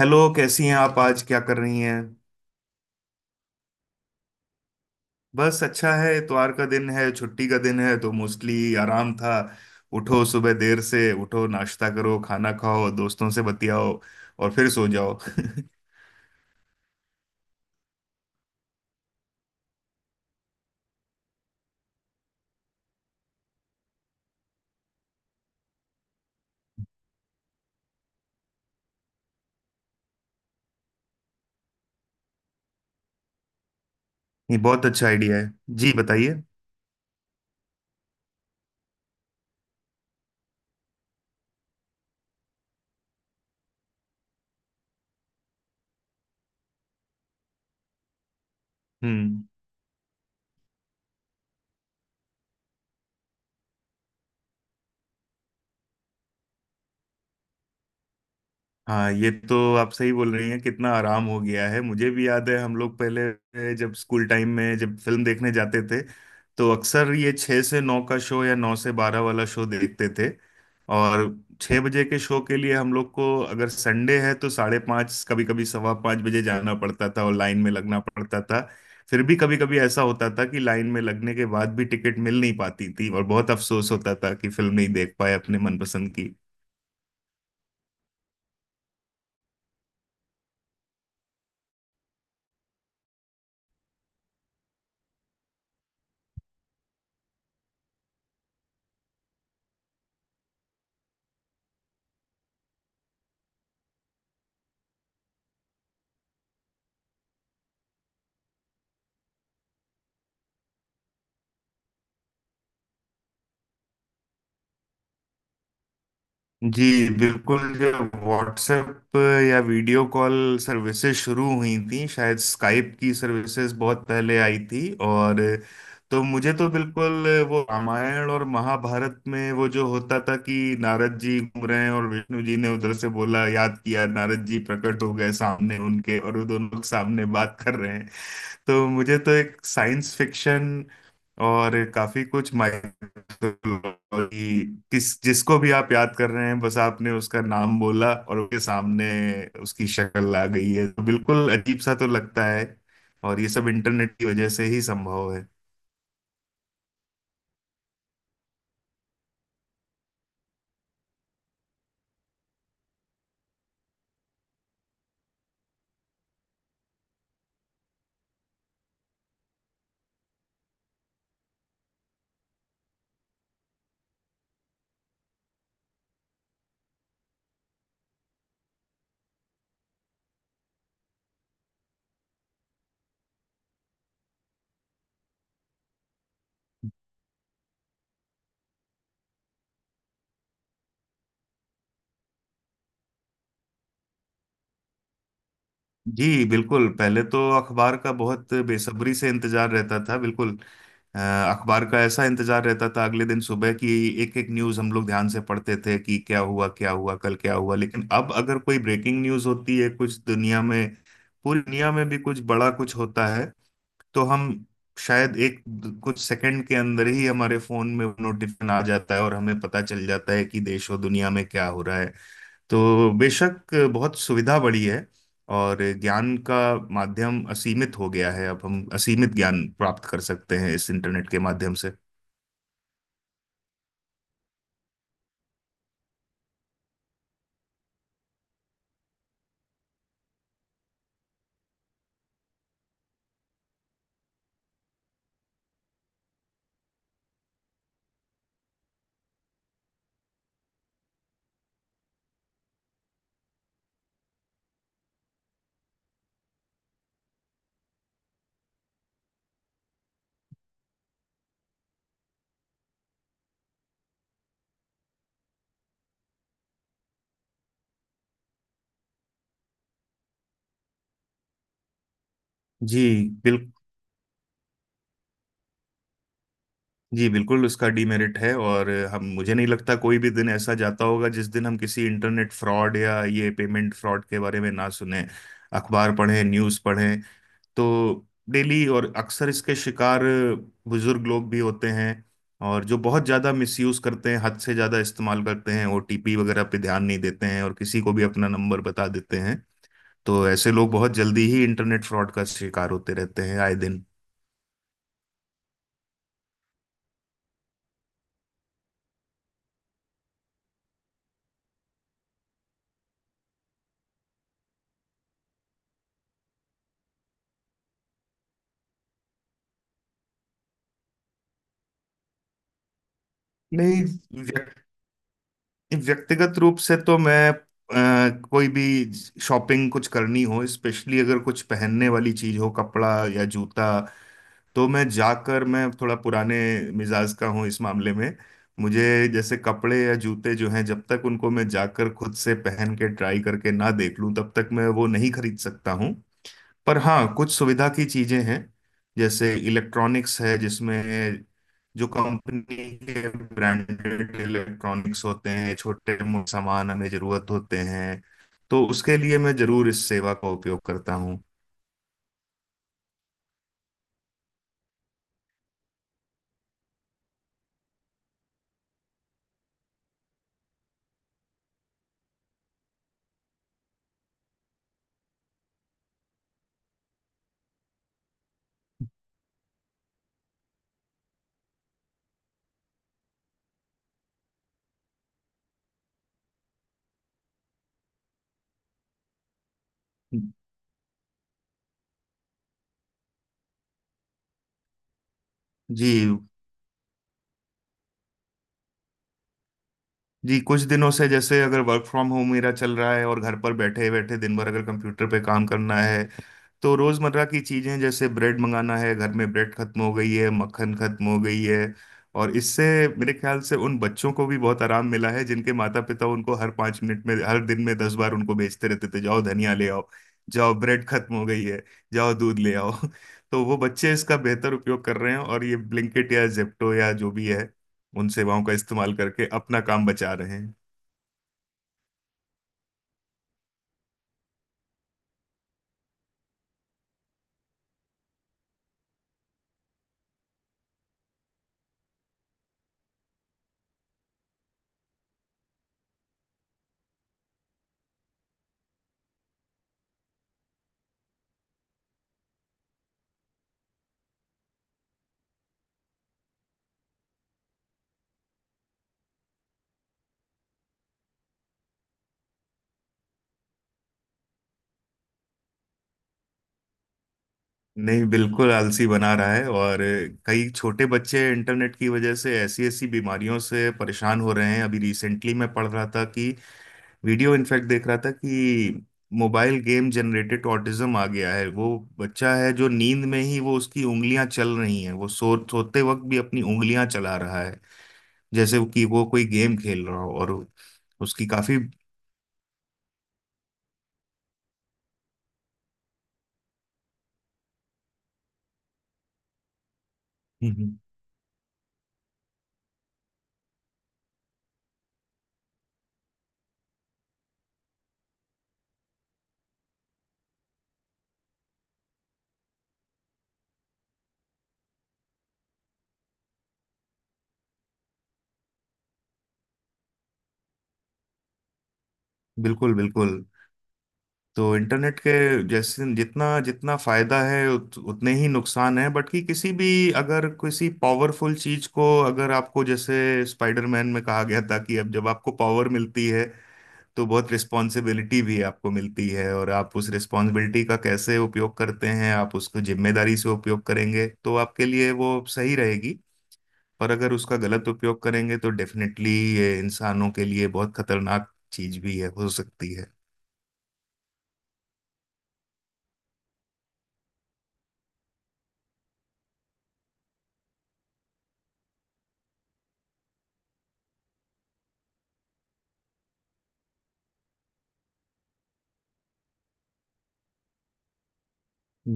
Hello. कैसी हैं आप? आज क्या कर रही हैं? बस अच्छा है। इतवार का दिन है, छुट्टी का दिन है, तो मोस्टली आराम था। उठो, सुबह देर से उठो, नाश्ता करो, खाना खाओ, दोस्तों से बतियाओ और फिर सो जाओ। ये बहुत अच्छा आइडिया है। जी बताइए। हम्म। हाँ, ये तो आप सही बोल रही हैं, कितना आराम हो गया है। मुझे भी याद है, हम लोग पहले जब स्कूल टाइम में जब फिल्म देखने जाते थे तो अक्सर ये 6 से 9 का शो या 9 से 12 वाला शो देखते थे। और 6 बजे के शो के लिए हम लोग को, अगर संडे है तो 5:30, कभी कभी 5:15 बजे जाना पड़ता था और लाइन में लगना पड़ता था। फिर भी कभी कभी ऐसा होता था कि लाइन में लगने के बाद भी टिकट मिल नहीं पाती थी और बहुत अफसोस होता था कि फिल्म नहीं देख पाए अपने मनपसंद की। जी बिल्कुल। जब व्हाट्सएप या वीडियो कॉल सर्विसेज शुरू हुई थी, शायद स्काइप की सर्विसेज बहुत पहले आई थी। और तो मुझे तो बिल्कुल वो रामायण और महाभारत में वो जो होता था कि नारद जी घूम रहे हैं और विष्णु जी ने उधर से बोला याद किया, नारद जी प्रकट हो गए सामने उनके और वो दोनों लोग सामने बात कर रहे हैं। तो मुझे तो एक साइंस फिक्शन और काफी कुछ माइथोलॉजी, किस जिसको भी आप याद कर रहे हैं बस आपने उसका नाम बोला और उसके सामने उसकी शक्ल आ गई है, तो बिल्कुल अजीब सा तो लगता है। और ये सब इंटरनेट की वजह से ही संभव है। जी बिल्कुल, पहले तो अखबार का बहुत बेसब्री से इंतजार रहता था। बिल्कुल अखबार का ऐसा इंतजार रहता था अगले दिन सुबह की। एक एक न्यूज़ हम लोग ध्यान से पढ़ते थे कि क्या हुआ, क्या हुआ कल क्या हुआ। लेकिन अब अगर कोई ब्रेकिंग न्यूज़ होती है कुछ दुनिया में, पूरी दुनिया में भी कुछ बड़ा कुछ होता है, तो हम शायद एक कुछ सेकंड के अंदर ही हमारे फोन में नोटिफिकेशन आ जाता है और हमें पता चल जाता है कि देश और दुनिया में क्या हो रहा है। तो बेशक बहुत सुविधा बढ़ी है और ज्ञान का माध्यम असीमित हो गया है। अब हम असीमित ज्ञान प्राप्त कर सकते हैं इस इंटरनेट के माध्यम से। जी बिल जी बिल्कुल, उसका डीमेरिट है। और हम, मुझे नहीं लगता कोई भी दिन ऐसा जाता होगा जिस दिन हम किसी इंटरनेट फ्रॉड या ये पेमेंट फ्रॉड के बारे में ना सुने, अखबार पढ़ें, न्यूज़ पढ़ें। तो डेली, और अक्सर इसके शिकार बुजुर्ग लोग भी होते हैं, और जो बहुत ज़्यादा मिसयूज़ करते हैं, हद से ज़्यादा इस्तेमाल करते हैं, ओटीपी वगैरह पे ध्यान नहीं देते हैं और किसी को भी अपना नंबर बता देते हैं। तो ऐसे लोग बहुत जल्दी ही इंटरनेट फ्रॉड का शिकार होते रहते हैं आए दिन। नहीं, व्यक्तिगत रूप से तो मैं कोई भी शॉपिंग कुछ करनी हो, स्पेशली अगर कुछ पहनने वाली चीज हो, कपड़ा या जूता, तो मैं जाकर, मैं थोड़ा पुराने मिजाज का हूँ इस मामले में। मुझे जैसे कपड़े या जूते जो हैं, जब तक उनको मैं जाकर खुद से पहन के ट्राई करके ना देख लूं, तब तक मैं वो नहीं खरीद सकता हूँ। पर हाँ, कुछ सुविधा की चीजें हैं, जैसे इलेक्ट्रॉनिक्स है, जिसमें जो कंपनी के ब्रांडेड इलेक्ट्रॉनिक्स होते हैं, छोटे मोटे सामान हमें जरूरत होते हैं, तो उसके लिए मैं जरूर इस सेवा का उपयोग करता हूँ। जी। जी, कुछ दिनों से जैसे अगर वर्क फ्रॉम होम मेरा चल रहा है और घर पर बैठे बैठे दिन भर अगर कंप्यूटर पे काम करना है, तो रोजमर्रा की चीजें जैसे ब्रेड मंगाना है, घर में ब्रेड खत्म हो गई है, मक्खन खत्म हो गई है। और इससे मेरे ख्याल से उन बच्चों को भी बहुत आराम मिला है, जिनके माता पिता उनको हर 5 मिनट में, हर दिन में 10 बार उनको भेजते रहते थे, जाओ धनिया ले आओ, जाओ ब्रेड खत्म हो गई है, जाओ दूध ले आओ। तो वो बच्चे इसका बेहतर उपयोग कर रहे हैं और ये ब्लिंकिट या जेप्टो या जो भी है, उन सेवाओं का इस्तेमाल करके अपना काम बचा रहे। नहीं, बिल्कुल आलसी बना रहा है। और कई छोटे बच्चे इंटरनेट की वजह से ऐसी ऐसी बीमारियों से परेशान हो रहे हैं। अभी रिसेंटली मैं पढ़ रहा था कि, वीडियो इनफैक्ट देख रहा था कि, मोबाइल गेम जनरेटेड ऑटिज्म आ गया है। वो बच्चा है जो नींद में ही वो उसकी उंगलियां चल रही हैं, वो सोते वक्त भी अपनी उंगलियां चला रहा है जैसे कि वो कोई गेम खेल रहा हो। और उसकी काफी हम्म। बिल्कुल बिल्कुल। तो इंटरनेट के जैसे जितना जितना फायदा है, उतने ही नुकसान है। बट कि किसी भी, अगर किसी पावरफुल चीज को, अगर आपको जैसे स्पाइडरमैन में कहा गया था कि अब जब आपको पावर मिलती है, तो बहुत रिस्पॉन्सिबिलिटी भी आपको मिलती है, और आप उस रिस्पॉन्सिबिलिटी का कैसे उपयोग करते हैं, आप उसको जिम्मेदारी से उपयोग करेंगे तो आपके लिए वो सही रहेगी। पर अगर उसका गलत उपयोग करेंगे, तो डेफिनेटली ये इंसानों के लिए बहुत खतरनाक चीज भी है, हो सकती है।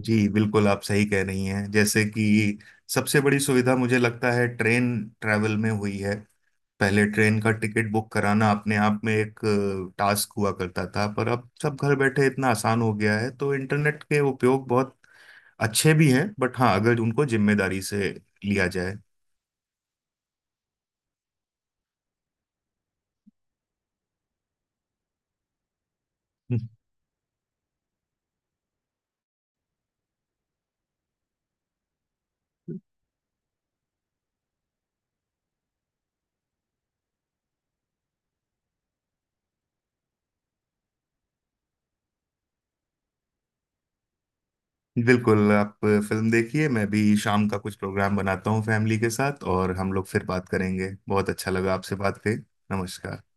जी बिल्कुल, आप सही कह रही हैं। जैसे कि सबसे बड़ी सुविधा मुझे लगता है ट्रेन ट्रैवल में हुई है। पहले ट्रेन का टिकट बुक कराना अपने आप में एक टास्क हुआ करता था, पर अब सब घर बैठे इतना आसान हो गया है। तो इंटरनेट के उपयोग बहुत अच्छे भी हैं, बट हाँ, अगर उनको जिम्मेदारी से लिया जाए। बिल्कुल, आप फिल्म देखिए, मैं भी शाम का कुछ प्रोग्राम बनाता हूँ फैमिली के साथ, और हम लोग फिर बात करेंगे। बहुत अच्छा लगा आपसे बात करें। नमस्कार।